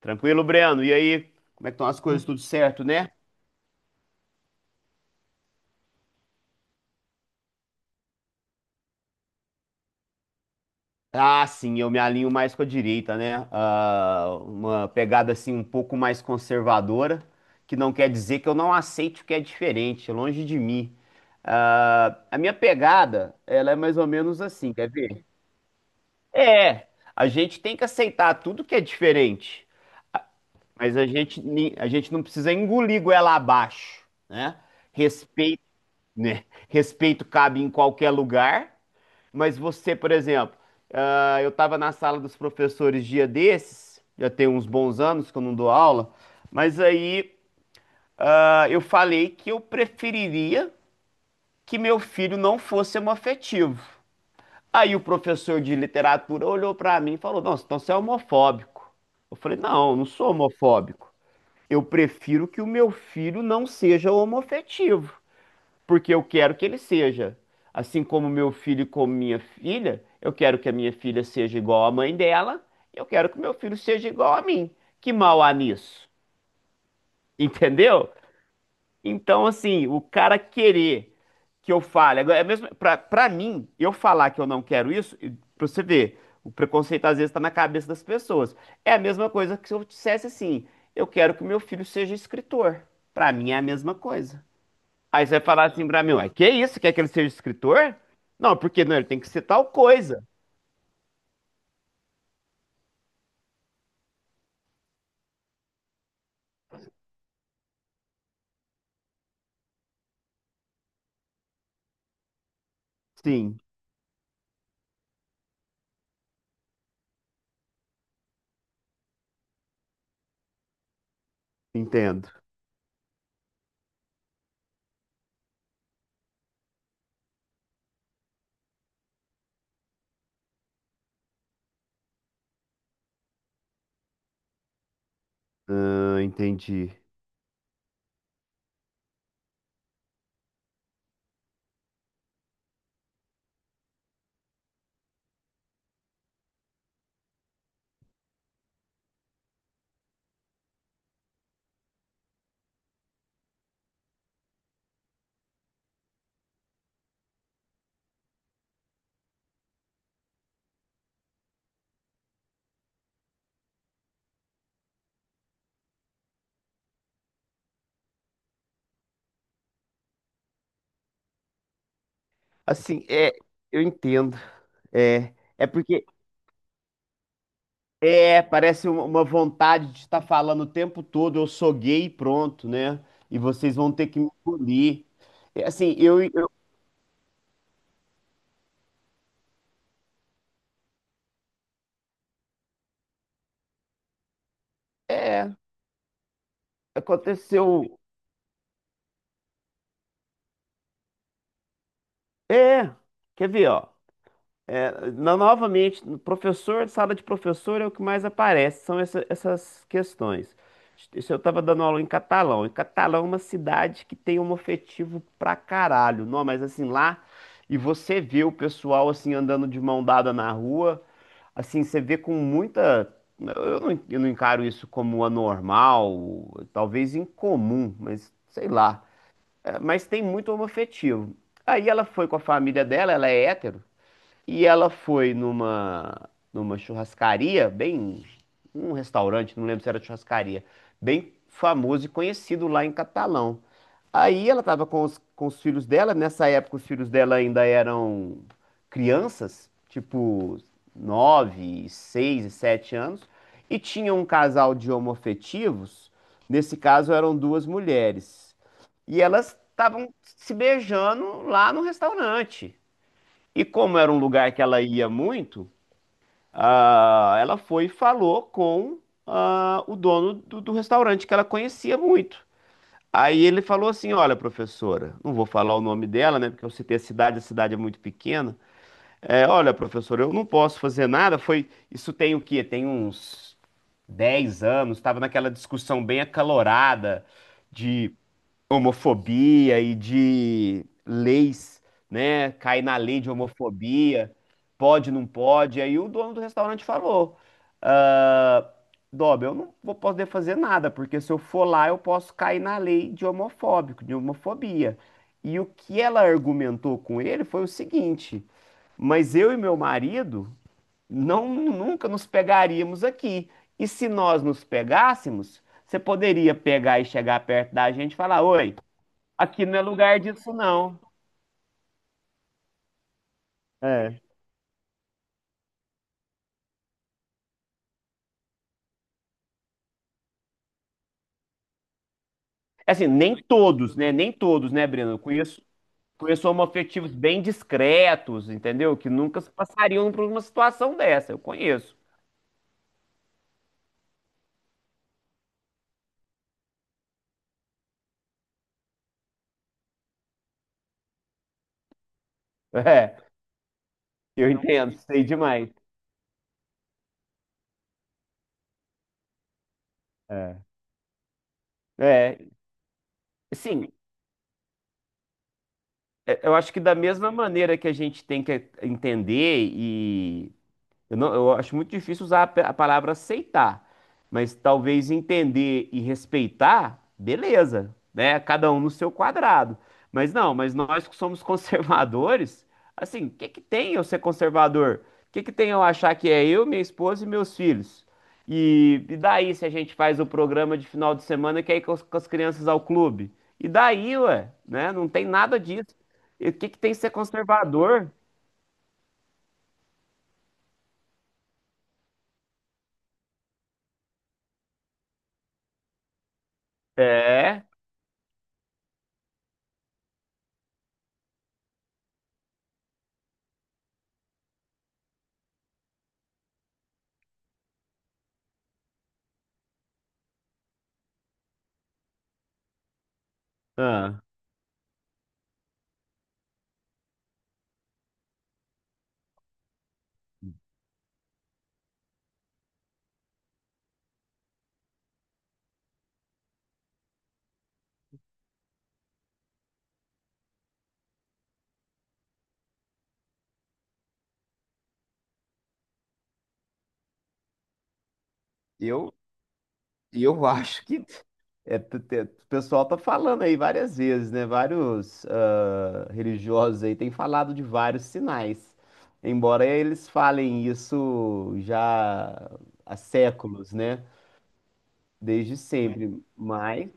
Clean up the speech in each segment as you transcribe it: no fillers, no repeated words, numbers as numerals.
Tranquilo, Breno? E aí, como é que estão as coisas? Tudo certo, né? Ah, sim, eu me alinho mais com a direita, né? Ah, uma pegada assim um pouco mais conservadora, que não quer dizer que eu não aceite o que é diferente, longe de mim. Ah, a minha pegada, ela é mais ou menos assim, quer ver? É, a gente tem que aceitar tudo que é diferente, mas a gente não precisa engolir goela abaixo, né? Respeito, né? Respeito cabe em qualquer lugar. Mas você, por exemplo, eu estava na sala dos professores dia desses, já tem uns bons anos que eu não dou aula, mas aí eu falei que eu preferiria que meu filho não fosse homoafetivo. Aí o professor de literatura olhou para mim e falou: Nossa, então você é homofóbico. Eu falei: Não, eu não sou homofóbico. Eu prefiro que o meu filho não seja homoafetivo porque eu quero que ele seja. Assim como meu filho e como minha filha, eu quero que a minha filha seja igual à mãe dela, eu quero que meu filho seja igual a mim. Que mal há nisso? Entendeu? Então, assim, o cara querer que eu fale, agora, é mesmo pra mim, eu falar que eu não quero isso, e pra você ver, o preconceito às vezes tá na cabeça das pessoas. É a mesma coisa que se eu dissesse assim, eu quero que meu filho seja escritor. Pra mim é a mesma coisa. Aí você vai falar assim pra mim, ué, que isso? Quer que ele seja escritor? Não, porque não, ele tem que ser tal coisa. Sim, entendo. Ah, entendi. Assim, é, eu entendo. É, porque, parece uma vontade de estar falando o tempo todo, eu sou gay e pronto, né? E vocês vão ter que me engolir. É, assim, é, aconteceu. É, quer ver, ó? É, novamente, no professor, sala de professor é o que mais aparece, são essas questões. Isso eu estava dando aula em Catalão. E Catalão é uma cidade que tem homoafetivo pra caralho. Não, mas assim, lá, e você vê o pessoal assim andando de mão dada na rua, assim, você vê com muita. Eu não encaro isso como anormal, talvez incomum, mas sei lá. É, mas tem muito homoafetivo. Aí ela foi com a família dela, ela é hétero. E ela foi numa churrascaria, bem, um restaurante, não lembro se era churrascaria, bem famoso e conhecido lá em Catalão. Aí ela estava com os filhos dela, nessa época os filhos dela ainda eram crianças, tipo 9 6 e 7 anos, e tinha um casal de homoafetivos, nesse caso eram duas mulheres. E elas estavam se beijando lá no restaurante. E como era um lugar que ela ia muito, ela foi e falou com o dono do restaurante, que ela conhecia muito. Aí ele falou assim: Olha, professora, não vou falar o nome dela, né? Porque eu citei a cidade é muito pequena. É, olha, professora, eu não posso fazer nada. Foi, isso tem o quê? Tem uns 10 anos, estava naquela discussão bem acalorada de homofobia e de leis, né? Cai na lei de homofobia, pode, não pode. Aí o dono do restaurante falou: ah, Dob, eu não vou poder fazer nada, porque se eu for lá, eu posso cair na lei de homofóbico, de homofobia. E o que ela argumentou com ele foi o seguinte: mas eu e meu marido não nunca nos pegaríamos aqui. E se nós nos pegássemos, você poderia pegar e chegar perto da gente e falar: Oi, aqui não é lugar disso, não. É. Assim, nem todos, né? Nem todos, né, Breno? Eu conheço homoafetivos bem discretos, entendeu? Que nunca se passariam por uma situação dessa. Eu conheço. É, eu entendo, sei demais. É. É, sim, é, eu acho que da mesma maneira que a gente tem que entender e eu não, eu acho muito difícil usar a palavra aceitar, mas talvez entender e respeitar, beleza, né? Cada um no seu quadrado. Mas não, mas nós que somos conservadores, assim, o que que tem eu ser conservador? O que que tem eu achar que é eu, minha esposa e meus filhos? E daí se a gente faz o programa de final de semana que é ir com as crianças ao clube? E daí, ué, né? Não tem nada disso. E o que que tem ser conservador? É. Ah. Eu E eu acho que é, o pessoal tá falando aí várias vezes, né? Vários religiosos aí têm falado de vários sinais. Embora eles falem isso já há séculos, né? Desde sempre. Mas.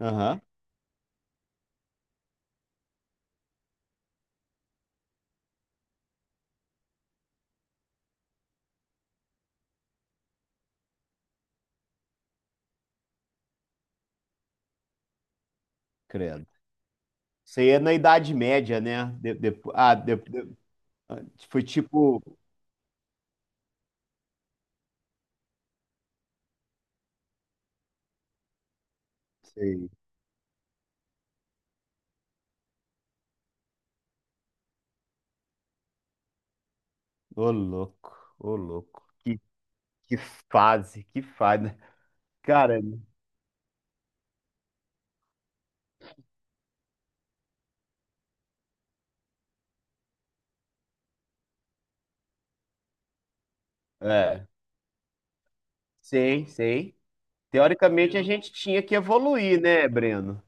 Aham, credo. Isso aí é na Idade Média, né? Ah, foi tipo. Sei. Ô, louco, ô, louco. Que fase, que fase. Cara, é. Sei, sei. Teoricamente a gente tinha que evoluir, né, Breno?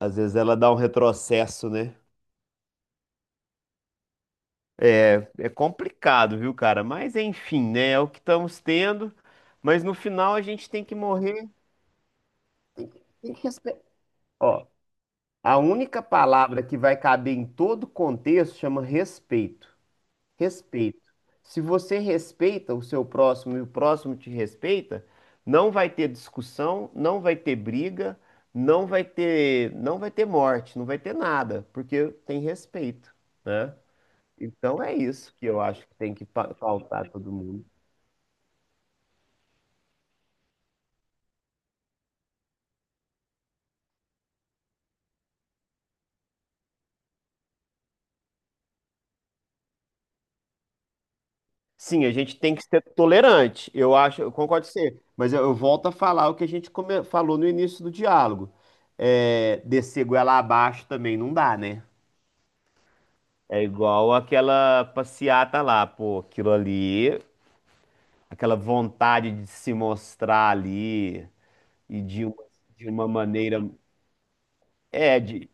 Às vezes ela dá um retrocesso, né? É complicado, viu, cara? Mas enfim, né? É o que estamos tendo. Mas no final a gente tem que morrer. Tem que respeitar. Ó, a única palavra que vai caber em todo contexto chama respeito. Respeito. Se você respeita o seu próximo e o próximo te respeita, não vai ter discussão, não vai ter briga, não vai ter morte, não vai ter nada, porque tem respeito, né? Então é isso que eu acho que tem que pautar todo mundo. Sim, a gente tem que ser tolerante. Eu acho, eu concordo com você, mas eu volto a falar o que a gente falou no início do diálogo. É, descer goela abaixo também não dá, né? É igual aquela passeata lá, pô, aquilo ali, aquela vontade de se mostrar ali e de uma maneira. É,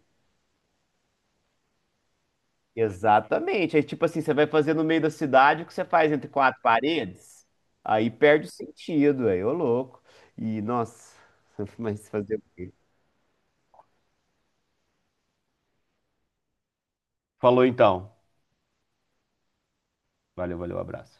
exatamente. É tipo assim, você vai fazer no meio da cidade o que você faz entre quatro paredes, aí perde o sentido, aí, ô louco. E, nossa, mas fazer o quê? Falou então. Valeu, valeu, abraço.